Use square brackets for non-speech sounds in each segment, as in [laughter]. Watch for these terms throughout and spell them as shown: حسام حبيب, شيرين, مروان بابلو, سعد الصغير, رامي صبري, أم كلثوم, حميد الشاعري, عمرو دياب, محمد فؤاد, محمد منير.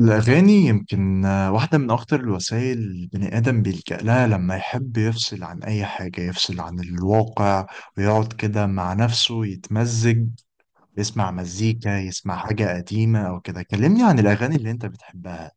الأغاني يمكن واحدة من أخطر الوسائل، البني آدم بيلجأ لها لما يحب يفصل عن أي حاجة، يفصل عن الواقع ويقعد كده مع نفسه يتمزج، يسمع مزيكا يسمع حاجة قديمة أو كده. كلمني عن الأغاني اللي أنت بتحبها.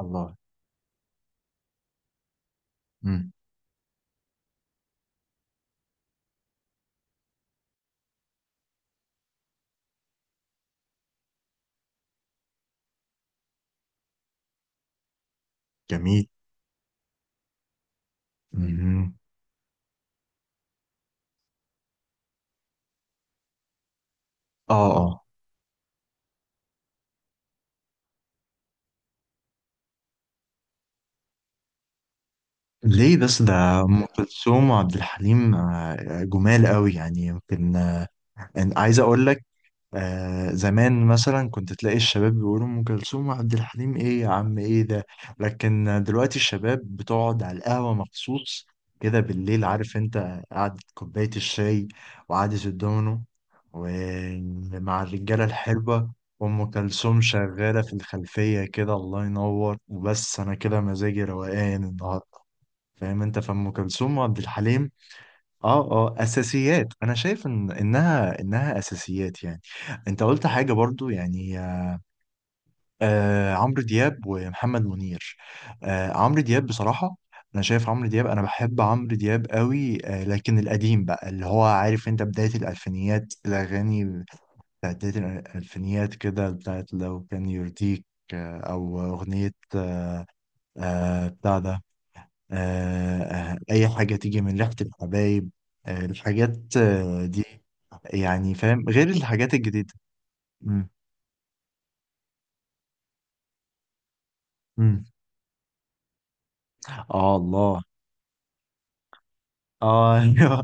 الله. مم. جميل. مم. آه آه. ليه بس؟ ده أم كلثوم وعبد الحليم، جمال قوي يعني، يمكن أنا عايز أقول لك. زمان مثلا كنت تلاقي الشباب بيقولوا أم كلثوم وعبد الحليم، إيه يا عم إيه ده؟ لكن دلوقتي الشباب بتقعد على القهوة مخصوص كده بالليل، عارف أنت، قعدة كوباية الشاي وقعدة الدومينو ومع الرجالة الحلوة، وأم كلثوم شغالة في الخلفية كده. الله ينور. وبس أنا كده مزاجي روقان النهاردة، فاهم أنت؟ فأم كلثوم وعبد الحليم اه اه اساسيات. انا شايف ان انها اساسيات يعني. انت قلت حاجه برضو، يعني عمرو دياب ومحمد منير. عمرو دياب بصراحه، انا شايف عمرو دياب، انا بحب عمرو دياب قوي لكن القديم بقى، اللي هو عارف انت بدايه الالفينيات، الاغاني بتاعت بدايه الالفينيات كده، بتاعت لو كان يرضيك، او اغنيه بتاع ده آه، أي حاجة تيجي من ريحة الحبايب، الحاجات دي، يعني فاهم؟ غير الحاجات الجديدة. مم. مم. آه الله. آه [laughs] أيوه.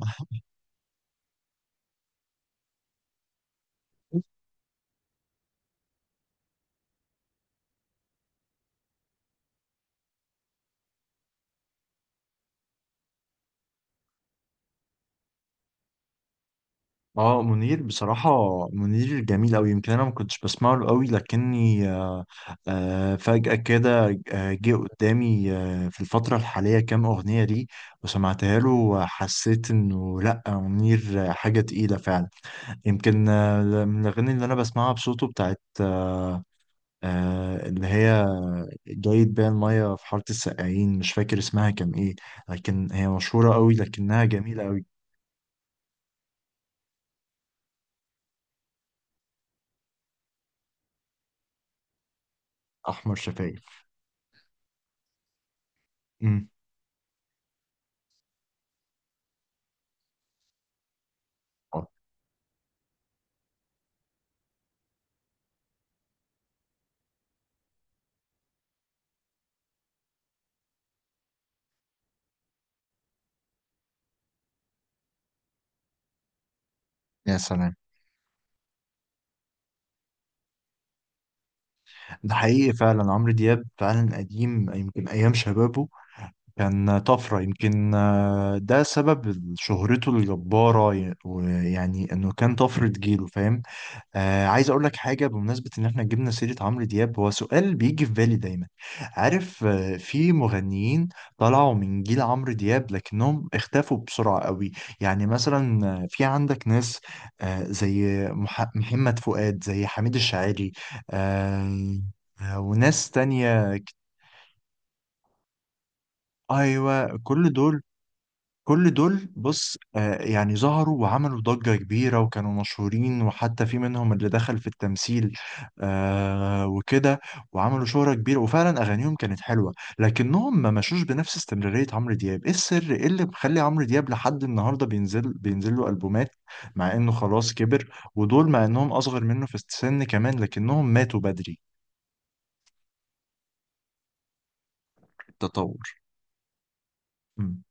اه منير بصراحة. منير جميل أوي، يمكن أنا ما كنتش بسمع له أوي، لكني فجأة كده جه قدامي في الفترة الحالية كام أغنية ليه وسمعتها له، وحسيت إنه لأ منير حاجة تقيلة فعلا. يمكن من الأغاني اللي أنا بسمعها بصوته، بتاعت اللي هي جايد بيها المية في حارة السقايين. مش فاكر اسمها كان إيه، لكن هي مشهورة قوي لكنها جميلة قوي. أحمر شفايف. أمم. آه، يا سلام. ده حقيقي فعلا، عمرو دياب فعلا قديم يمكن أيام شبابه كان طفرة. يمكن ده سبب شهرته الجبارة، ويعني إنه كان طفرة جيله، فاهم؟ عايز اقول لك حاجه، بمناسبه ان احنا جبنا سيره عمرو دياب، هو سؤال بيجي في بالي دايما. عارف في مغنيين طلعوا من جيل عمرو دياب لكنهم اختفوا بسرعه قوي. يعني مثلا في عندك ناس زي محمد فؤاد، زي حميد الشاعري، آه وناس تانية. ايوه، كل دول. بص يعني ظهروا وعملوا ضجة كبيرة وكانوا مشهورين، وحتى في منهم اللي دخل في التمثيل وكده. وعملوا شهرة كبيرة وفعلا أغانيهم كانت حلوة، لكنهم ما مشوش بنفس استمرارية عمرو دياب. إيه السر؟ إيه اللي مخلي عمرو دياب لحد النهاردة بينزل له ألبومات؟ مع إنه خلاص كبر، ودول مع إنهم أصغر منه في السن كمان لكنهم ماتوا بدري. التطور. مم.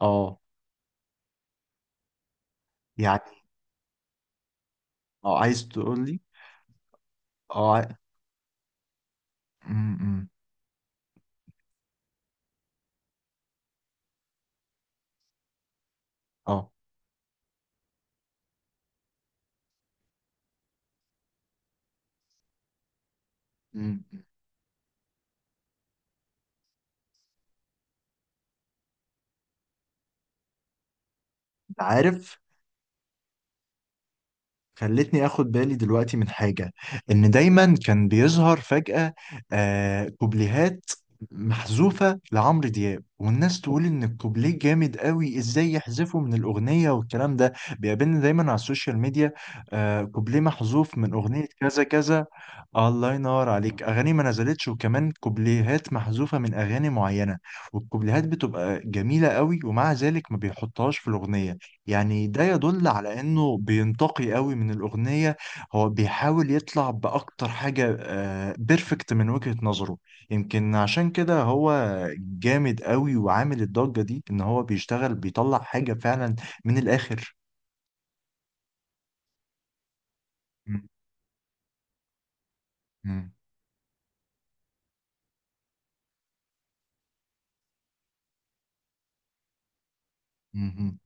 اه، يعني اه عايز تقول لي اه عاي- مم، مم. اه. مم. عارف، خلتني اخد بالي دلوقتي من حاجة، ان دايما كان بيظهر فجأة كوبليهات محذوفة لعمرو دياب، والناس تقول ان الكوبليه جامد قوي، ازاي يحذفه من الاغنية والكلام ده. بيقابلني دايما على السوشيال ميديا كوبليه محذوف من اغنية كذا كذا. الله ينور عليك. اغاني ما نزلتش، وكمان كوبليهات محذوفة من اغاني معينة، والكوبليهات بتبقى جميلة قوي، ومع ذلك ما بيحطهاش في الاغنية. يعني ده يدل على انه بينتقي قوي من الاغنيه. هو بيحاول يطلع باكتر حاجه، بيرفكت من وجهه نظره. يمكن عشان كده هو جامد قوي وعامل الضجه دي، ان هو بيشتغل بيطلع حاجه فعلا من الاخر. م- م- م- م.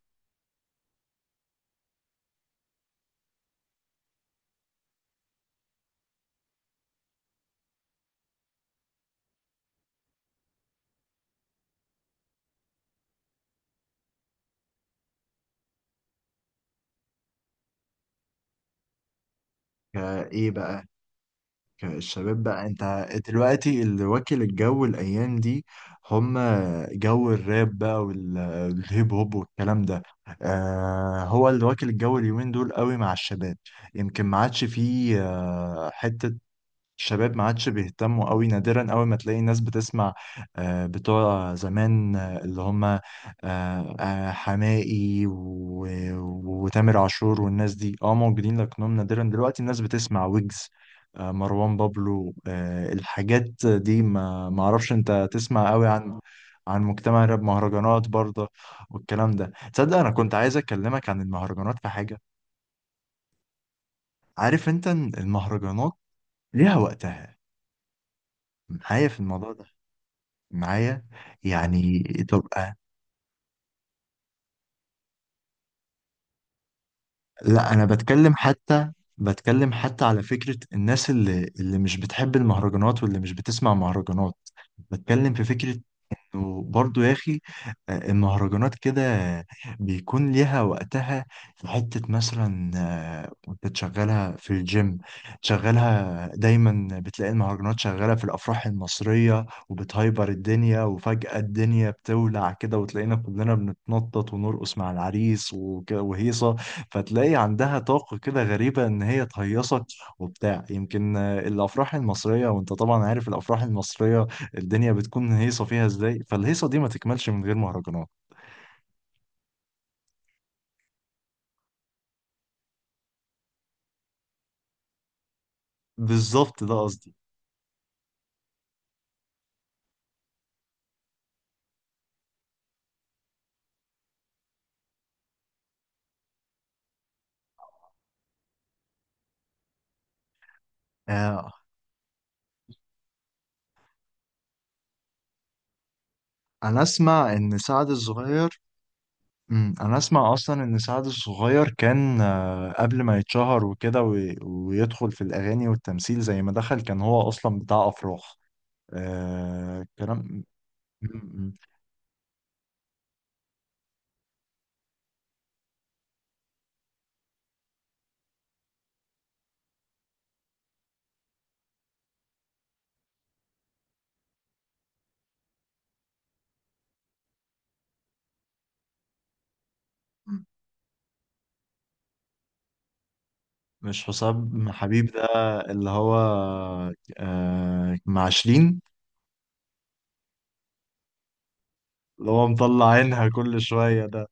فايه بقى؟ الشباب بقى، انت دلوقتي اللي واكل الجو الايام دي، هم. جو الراب بقى والهيب هوب والكلام ده، هو اللي واكل الجو اليومين دول قوي مع الشباب. يمكن ما عادش فيه حتة، الشباب ما عادش بيهتموا قوي، نادرا قوي ما تلاقي ناس بتسمع بتوع زمان اللي هم حماقي وتامر عاشور والناس دي، اه موجودين لكنهم نادرا. دلوقتي الناس بتسمع ويجز مروان بابلو الحاجات دي. ما اعرفش، انت تسمع قوي عن مجتمع الراب؟ مهرجانات برضه والكلام ده. تصدق انا كنت عايز اكلمك عن المهرجانات في حاجة. عارف انت إن المهرجانات ليها وقتها معايا في الموضوع ده؟ معايا، يعني تبقى... لا انا بتكلم حتى، بتكلم حتى على فكرة الناس اللي مش بتحب المهرجانات، واللي مش بتسمع مهرجانات، بتكلم في فكرة. وبرضه يا اخي المهرجانات كده بيكون ليها وقتها، في حتة مثلا وانت تشغلها في الجيم تشغلها، دايما بتلاقي المهرجانات شغالة في الأفراح المصرية، وبتهايبر الدنيا، وفجأة الدنيا بتولع كده وتلاقينا كلنا بنتنطط ونرقص مع العريس وكده وهيصة. فتلاقي عندها طاقة كده غريبة إن هي تهيصك وبتاع. يمكن الأفراح المصرية، وانت طبعا عارف الأفراح المصرية الدنيا بتكون هيصة فيها ازاي، فالهيصة دي ما تكملش من غير مهرجانات. بالظبط ده قصدي. آه. انا اسمع ان سعد الصغير. مم. انا اسمع اصلا ان سعد الصغير كان قبل ما يتشهر وكده ويدخل في الاغاني والتمثيل زي ما دخل، كان هو اصلا بتاع افراح. آه كلام. م- م- م- مش حسام حبيب ده؟ اللي هو مع شيرين، اللي هو مطلع عينها كل شوية ده.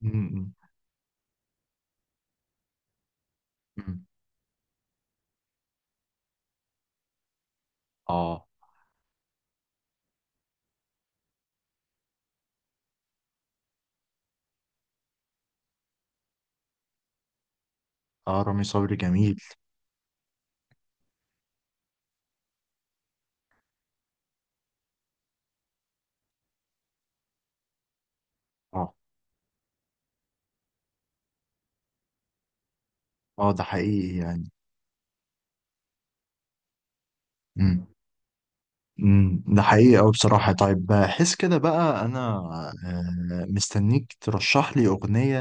م- م- م. اه رامي صبري جميل. اه. اه ده حقيقي يعني. امم. ده حقيقي أوي بصراحة. طيب بحس كده بقى أنا مستنيك ترشح لي أغنية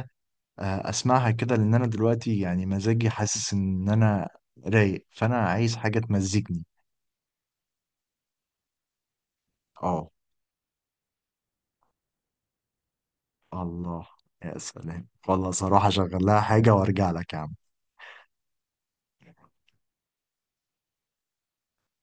أسمعها كده، لأن أنا دلوقتي يعني مزاجي حاسس إن أنا رايق، فأنا عايز حاجة تمزجني. اه. الله. يا سلام والله، صراحة شغل لها حاجة وأرجع لك يا عم.